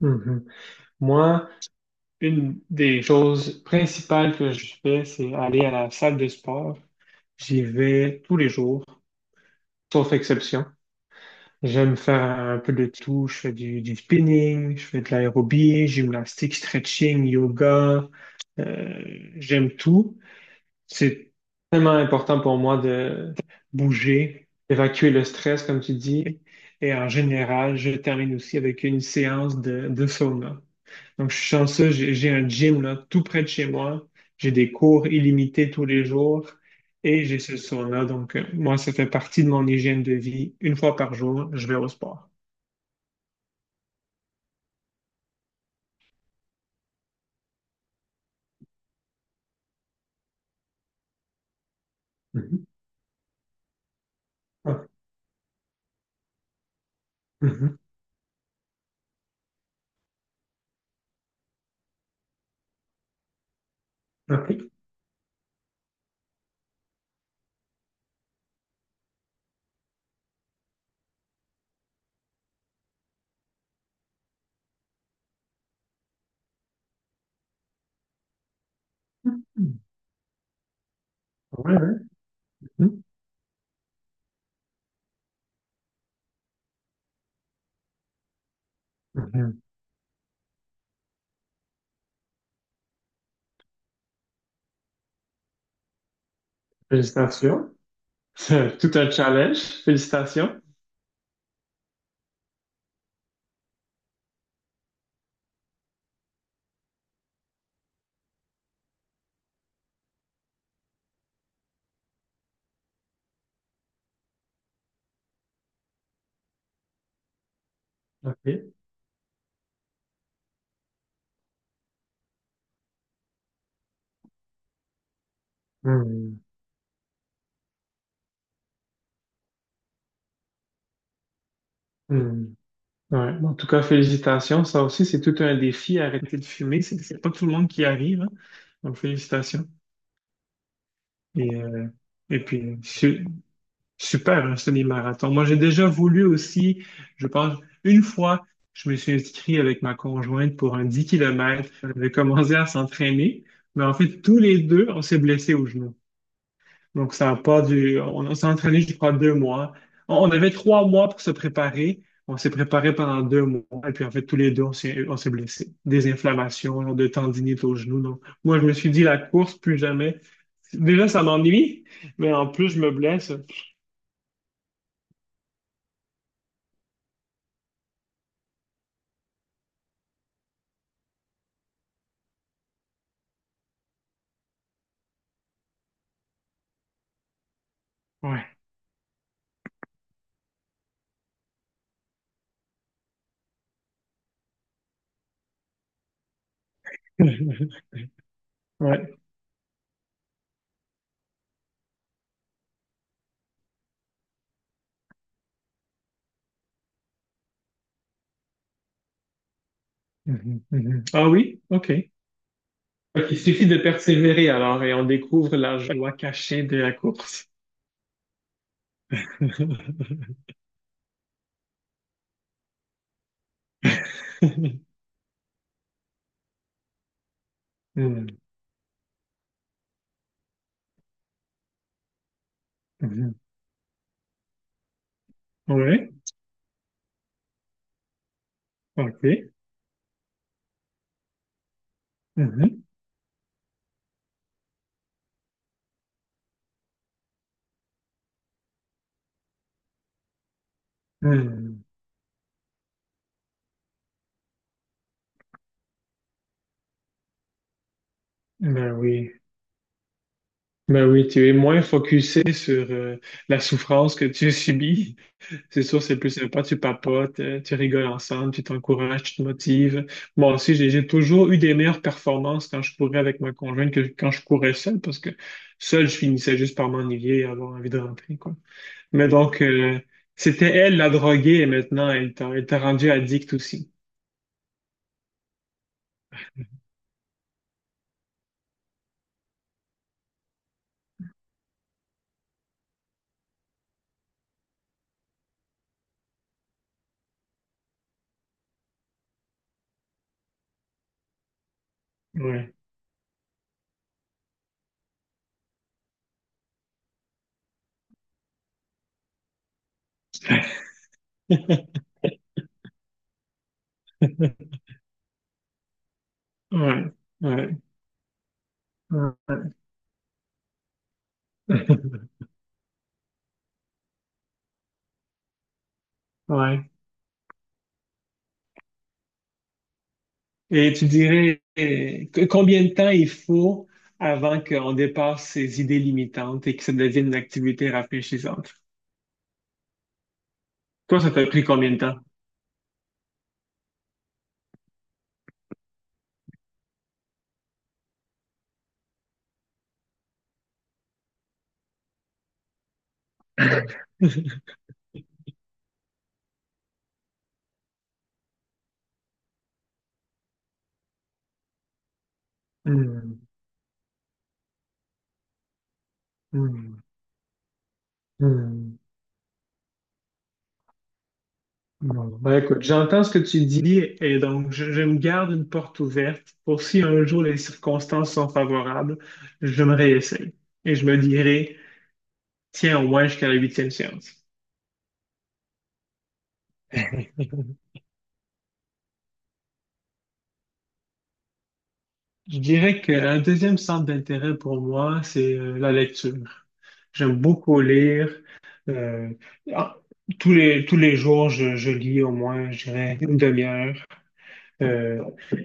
Mhm. Moi, une des choses principales que je fais, c'est aller à la salle de sport. J'y vais tous les jours, sauf exception. J'aime faire un peu de tout. Je fais du spinning, je fais de l'aérobie, gymnastique, stretching, yoga. Euh, J'aime tout. C'est tellement important pour moi de bouger, d'évacuer le stress, comme tu dis. Et en général, je termine aussi avec une séance de sauna. Donc, je suis chanceux, j'ai un gym là, tout près de chez moi. J'ai des cours illimités tous les jours et j'ai ce sauna. Donc, moi, ça fait partie de mon hygiène de vie. Une fois par jour, je vais au sport. Mhm. Ah, mhm. OK. Mhm. Ouais, ouais. Mhm. Mhm. Félicitations. C'est tout un challenge. Félicitations. OK. Mhm. Mhm. Ouais. En tout cas, félicitations. Ça aussi, c'est tout un défi, arrêter de fumer. C'est pas tout le monde qui y arrive, hein. Donc, félicitations. Et, euh, et puis, super, un semi-marathon. Moi, j'ai déjà voulu aussi, je pense, une fois, je me suis inscrit avec ma conjointe pour un 10 kilomètres. On avait commencé à s'entraîner, mais en fait, tous les deux, on s'est blessés au genou. Donc, ça a pas du. On s'est entraîné, je crois, 2 mois. On avait 3 mois pour se préparer. On s'est préparé pendant 2 mois. Et puis, en fait, tous les deux, on s'est blessés. Des inflammations, genre de tendinite au genou. Donc, moi, je me suis dit, la course, plus jamais. Déjà, ça m'ennuie, mais en plus, je me blesse. Ouais. Ouais. Mhm, mhm. Ah oui? OK. Ok, il suffit de persévérer alors et on découvre la joie cachée de la course. Mhm, mhm. Ouais. OK. Mhm, mhm. Ben oui. Ben oui, tu es moins focusé sur la souffrance que tu subis. C'est sûr, c'est plus sympa, tu papotes, tu rigoles ensemble, tu t'encourages, tu te motives. Moi aussi, j'ai toujours eu des meilleures performances quand je courais avec ma conjointe que quand je courais seul, parce que seul, je finissais juste par m'ennuyer et avoir envie de rentrer, quoi. Mais donc, c'était elle la droguée et maintenant, elle t'a rendu addict aussi. Ouais. Ouais. Ouais. Ouais. Ouais. Et tu dirais combien de temps il faut avant qu'on dépasse ces idées limitantes et que ça devienne une activité rafraîchissante? Toi, ça t'a pris combien de temps? Hmm, hmm, hmm. Bon, ben écoute, j'entends ce que tu dis et donc je me garde une porte ouverte pour si un jour les circonstances sont favorables, je me réessaye et je me dirai, tiens, au moins jusqu'à la huitième séance. Je dirais qu'un deuxième centre d'intérêt pour moi, c'est la lecture. J'aime beaucoup lire. euh, ah, tous les jours, je lis au moins, je dirais, une demi-heure. Euh,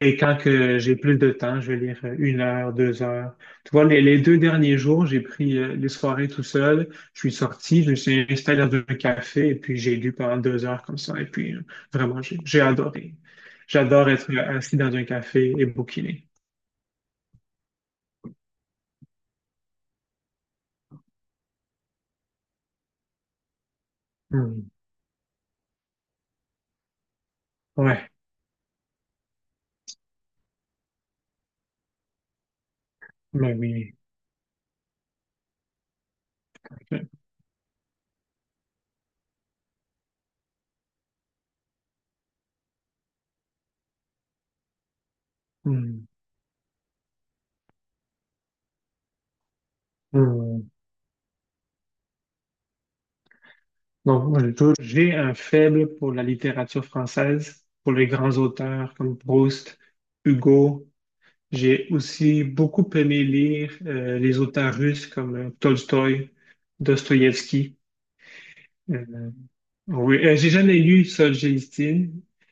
et quand que j'ai plus de temps, je vais lire une heure, 2 heures. Tu vois, les deux derniers jours, j'ai pris les soirées tout seul. Je suis sorti, je me suis installé dans un café et puis j'ai lu pendant 2 heures comme ça. Et puis vraiment, j'ai adoré. J'adore être assis dans un café et bouquiner. Hmm. Ouais, mais oui. Hmm. Hmm. Donc, moi, j'ai un faible pour la littérature française, pour les grands auteurs comme Proust, Hugo. J'ai aussi beaucoup aimé lire les auteurs russes comme Tolstoï, Dostoïevski. Euh, oui, j'ai jamais lu Solzhenitsyn.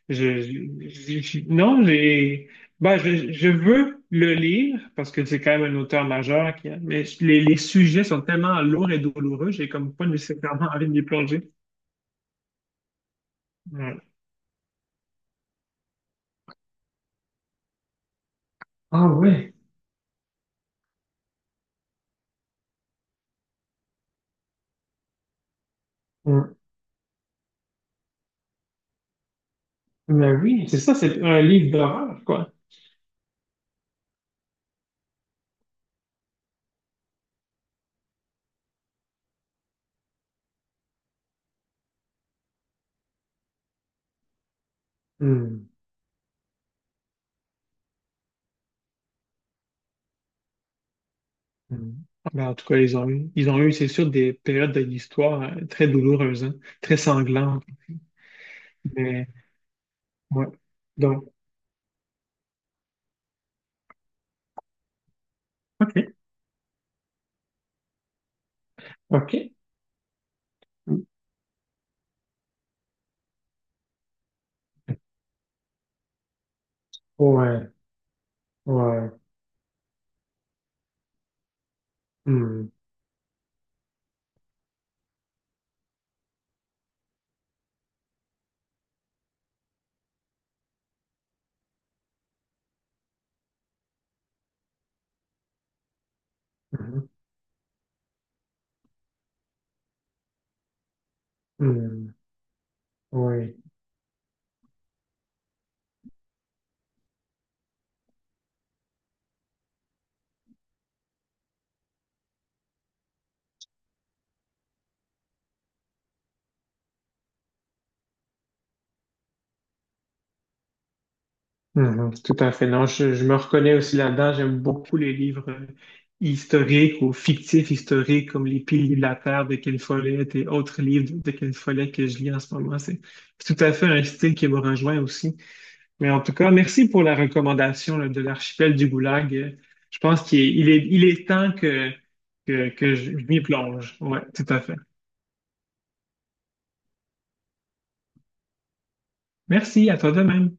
Je, non, ben, je veux le lire parce que c'est quand même un auteur majeur, qui, mais les sujets sont tellement lourds et douloureux, j'ai comme pas nécessairement envie de m'y plonger. Ouais. Ah ouais. Hmm. Mais oui. C'est ça, c'est un livre d'horreur, quoi. Mm. Ben, en tout cas, ils ont eu, c'est sûr, des périodes de l'histoire très douloureuses, hein, très sanglantes. Mais, ouais. Donc, OK. OK. Ouais. Ouais. Mm. Mhm. Mm. Oui. Mhm. Tout à fait. Non, je me reconnais aussi là-dedans. J'aime beaucoup les livres historiques ou fictifs historiques comme Les Piliers de la Terre de Ken Follett et autres livres de Ken Follett que je lis en ce moment. C'est tout à fait un style qui me rejoint aussi. Mais en tout cas, merci pour la recommandation là, de l'archipel du Goulag. Je pense qu'il est temps que je m'y plonge. Ouais, tout à fait. Merci, à toi de même.